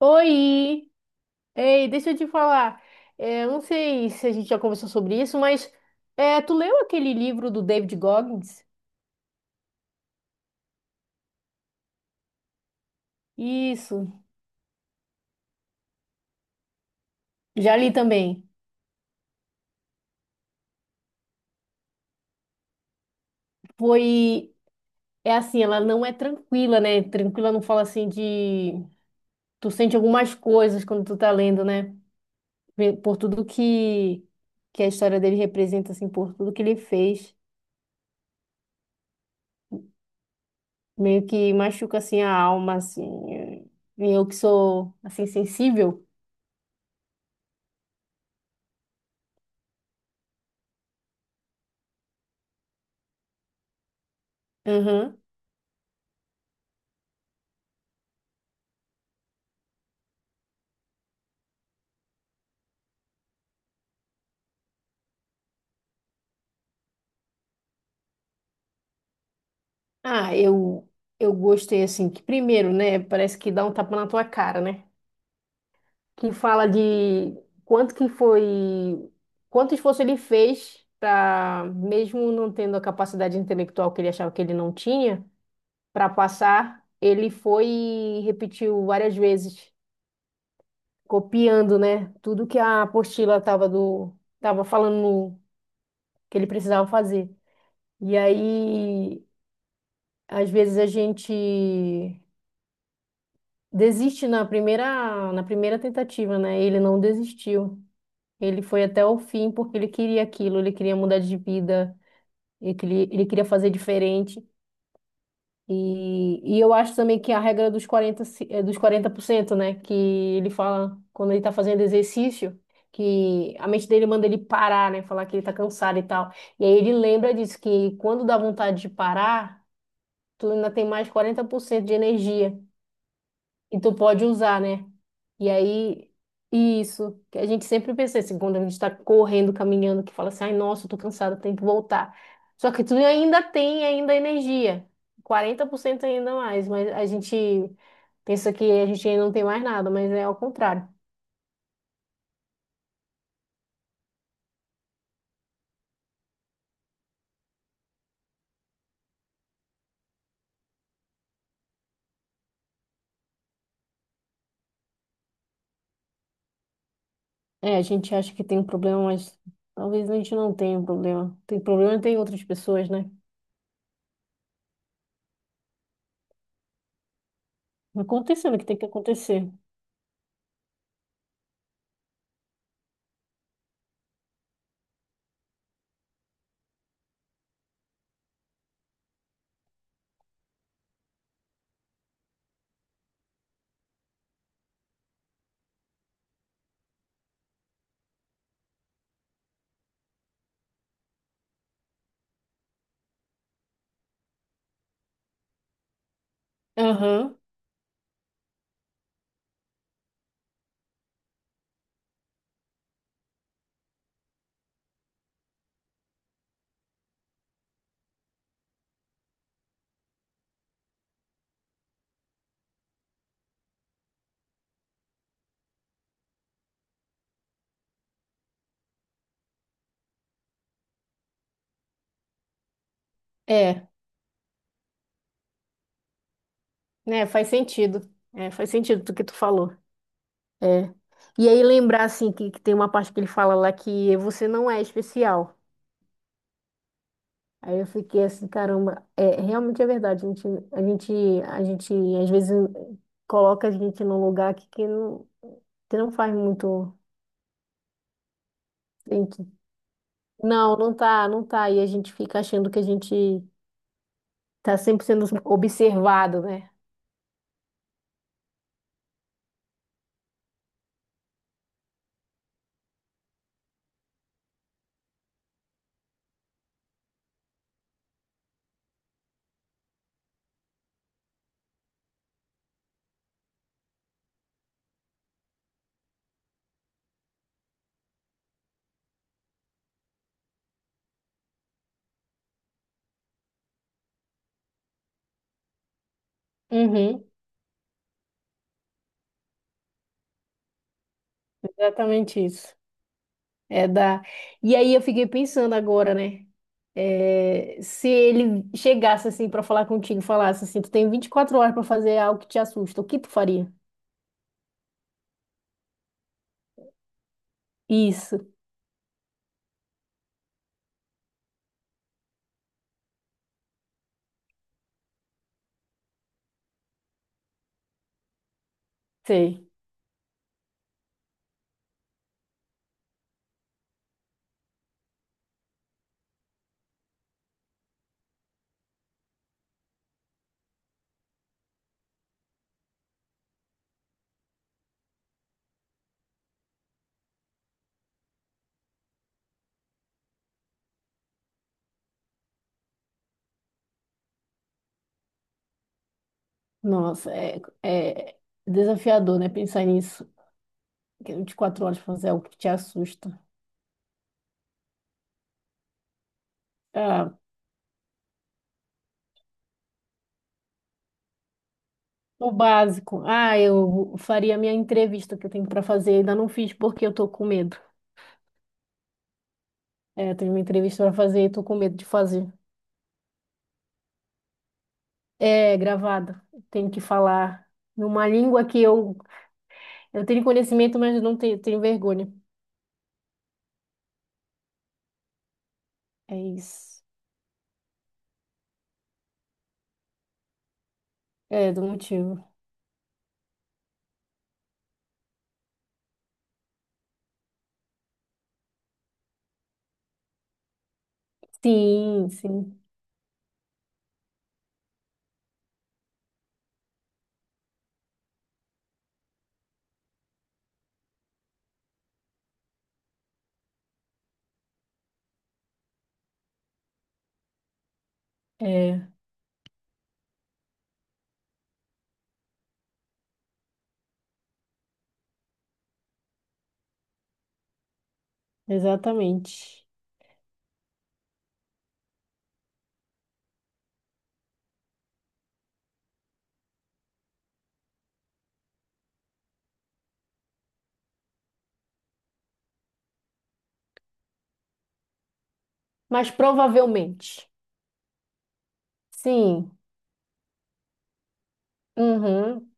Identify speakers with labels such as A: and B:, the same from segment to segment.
A: Oi! Ei, deixa eu te falar. É, eu não sei se a gente já conversou sobre isso, mas é, tu leu aquele livro do David Goggins? Isso, já li também. Foi, é assim, ela não é tranquila, né? Tranquila não fala assim de. Tu sente algumas coisas quando tu tá lendo, né? Por tudo que a história dele representa, assim, por tudo que ele fez. Meio que machuca, assim, a alma, assim. E eu que sou, assim, sensível. Ah, eu gostei assim, que primeiro, né, parece que dá um tapa na tua cara, né? Que fala de quanto que foi, quanto esforço ele fez para, mesmo não tendo a capacidade intelectual que ele achava que ele não tinha, para passar, ele foi e repetiu várias vezes, copiando, né, tudo que a apostila tava falando que ele precisava fazer. E aí, às vezes a gente desiste na primeira tentativa, né? Ele não desistiu. Ele foi até o fim porque ele queria aquilo, ele queria mudar de vida, ele queria fazer diferente. E eu acho também que a regra dos 40 se- eh, dos 40%, né? Que ele fala quando ele tá fazendo exercício, que a mente dele manda ele parar, né? Falar que ele tá cansado e tal. E aí ele lembra disso, que quando dá vontade de parar, tu ainda tem mais 40% de energia. E tu pode usar, né? E aí, isso, que a gente sempre pensa assim, quando a gente está correndo, caminhando, que fala assim, ai, nossa, eu tô cansada, tenho que voltar. Só que tu ainda tem ainda energia, 40% ainda mais, mas a gente pensa que a gente ainda não tem mais nada, mas é ao contrário. É, a gente acha que tem um problema, mas talvez a gente não tenha um problema. Tem problema tem outras pessoas, né? Acontecendo o que tem que acontecer. Aham, é, né? Faz sentido. É, faz sentido do que tu falou. É. E aí lembrar assim que tem uma parte que ele fala lá que você não é especial. Aí eu fiquei assim, caramba, é, realmente é verdade. A gente, a gente às vezes coloca a gente num lugar que não faz muito sentido. Não, não tá, não tá. E a gente fica achando que a gente tá sempre sendo observado, né? Uhum, exatamente isso. É da. E aí eu fiquei pensando agora, né? É, se ele chegasse assim pra falar contigo, falasse assim, tu tem 24 horas pra fazer algo que te assusta, o que tu faria? Isso, sei. Nossa, é desafiador, né? Pensar nisso. Que é 24 horas pra fazer algo que te assusta. Ah, o básico. Ah, eu faria a minha entrevista que eu tenho pra fazer, ainda não fiz porque eu tô com medo. É, eu tenho uma entrevista pra fazer e tô com medo de fazer. É gravado. Tenho que falar numa língua que eu tenho conhecimento, mas eu não tenho, tenho vergonha. É isso. É, do motivo. Sim, sim. É, exatamente. Mas provavelmente. Sim. Uhum,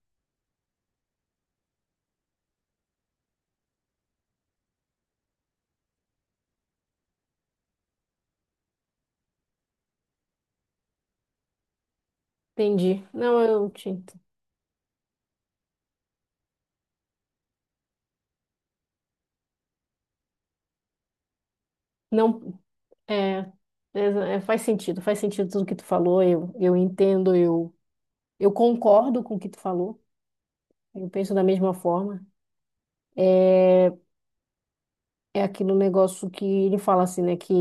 A: entendi. Não, eu te entendo. Não, é, é, faz sentido. Faz sentido tudo que tu falou. Eu entendo, eu concordo com o que tu falou. Eu penso da mesma forma. É, é aquele negócio que ele fala assim, né? Que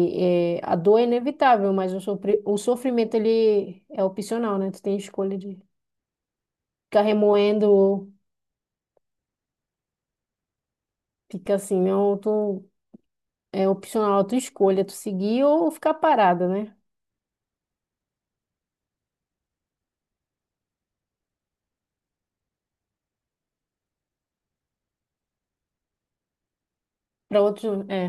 A: é, a dor é inevitável, mas o sofrimento ele é opcional, né? Tu tem a escolha de ficar remoendo, fica assim, não, tu é opcional a tua escolha, tu seguir ou ficar parada, né? Para outros, é.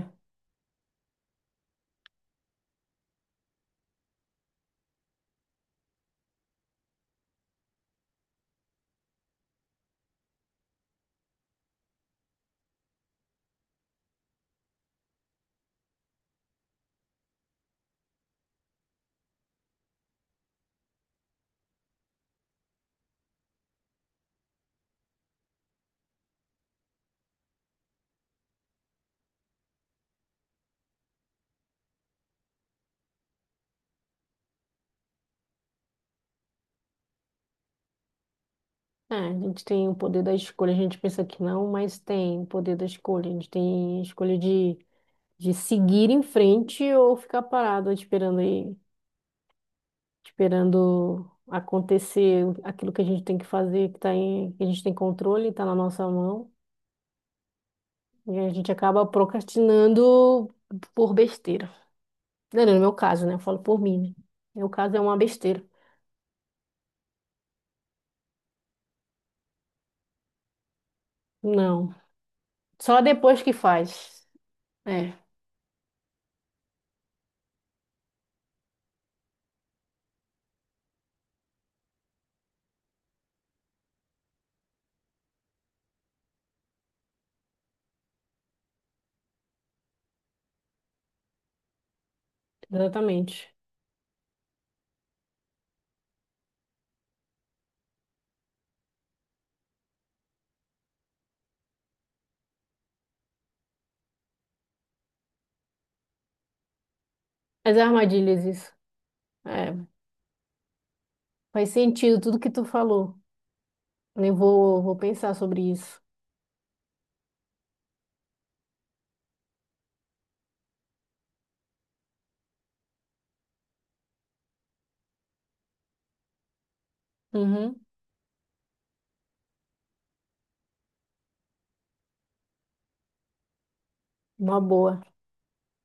A: É, a gente tem o poder da escolha, a gente pensa que não, mas tem o poder da escolha. A gente tem a escolha de seguir em frente ou ficar parado esperando acontecer aquilo que a gente tem que fazer, que a gente tem controle, está na nossa mão, e a gente acaba procrastinando por besteira. Não, não, no meu caso, né? Eu falo por mim, né? No meu caso é uma besteira. Não. Só depois que faz. É, exatamente. As armadilhas, isso. É, faz sentido tudo que tu falou. Eu vou pensar sobre isso. Uhum. Uma boa,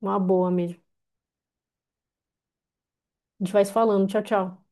A: uma boa mesmo. A gente vai se falando. Tchau, tchau.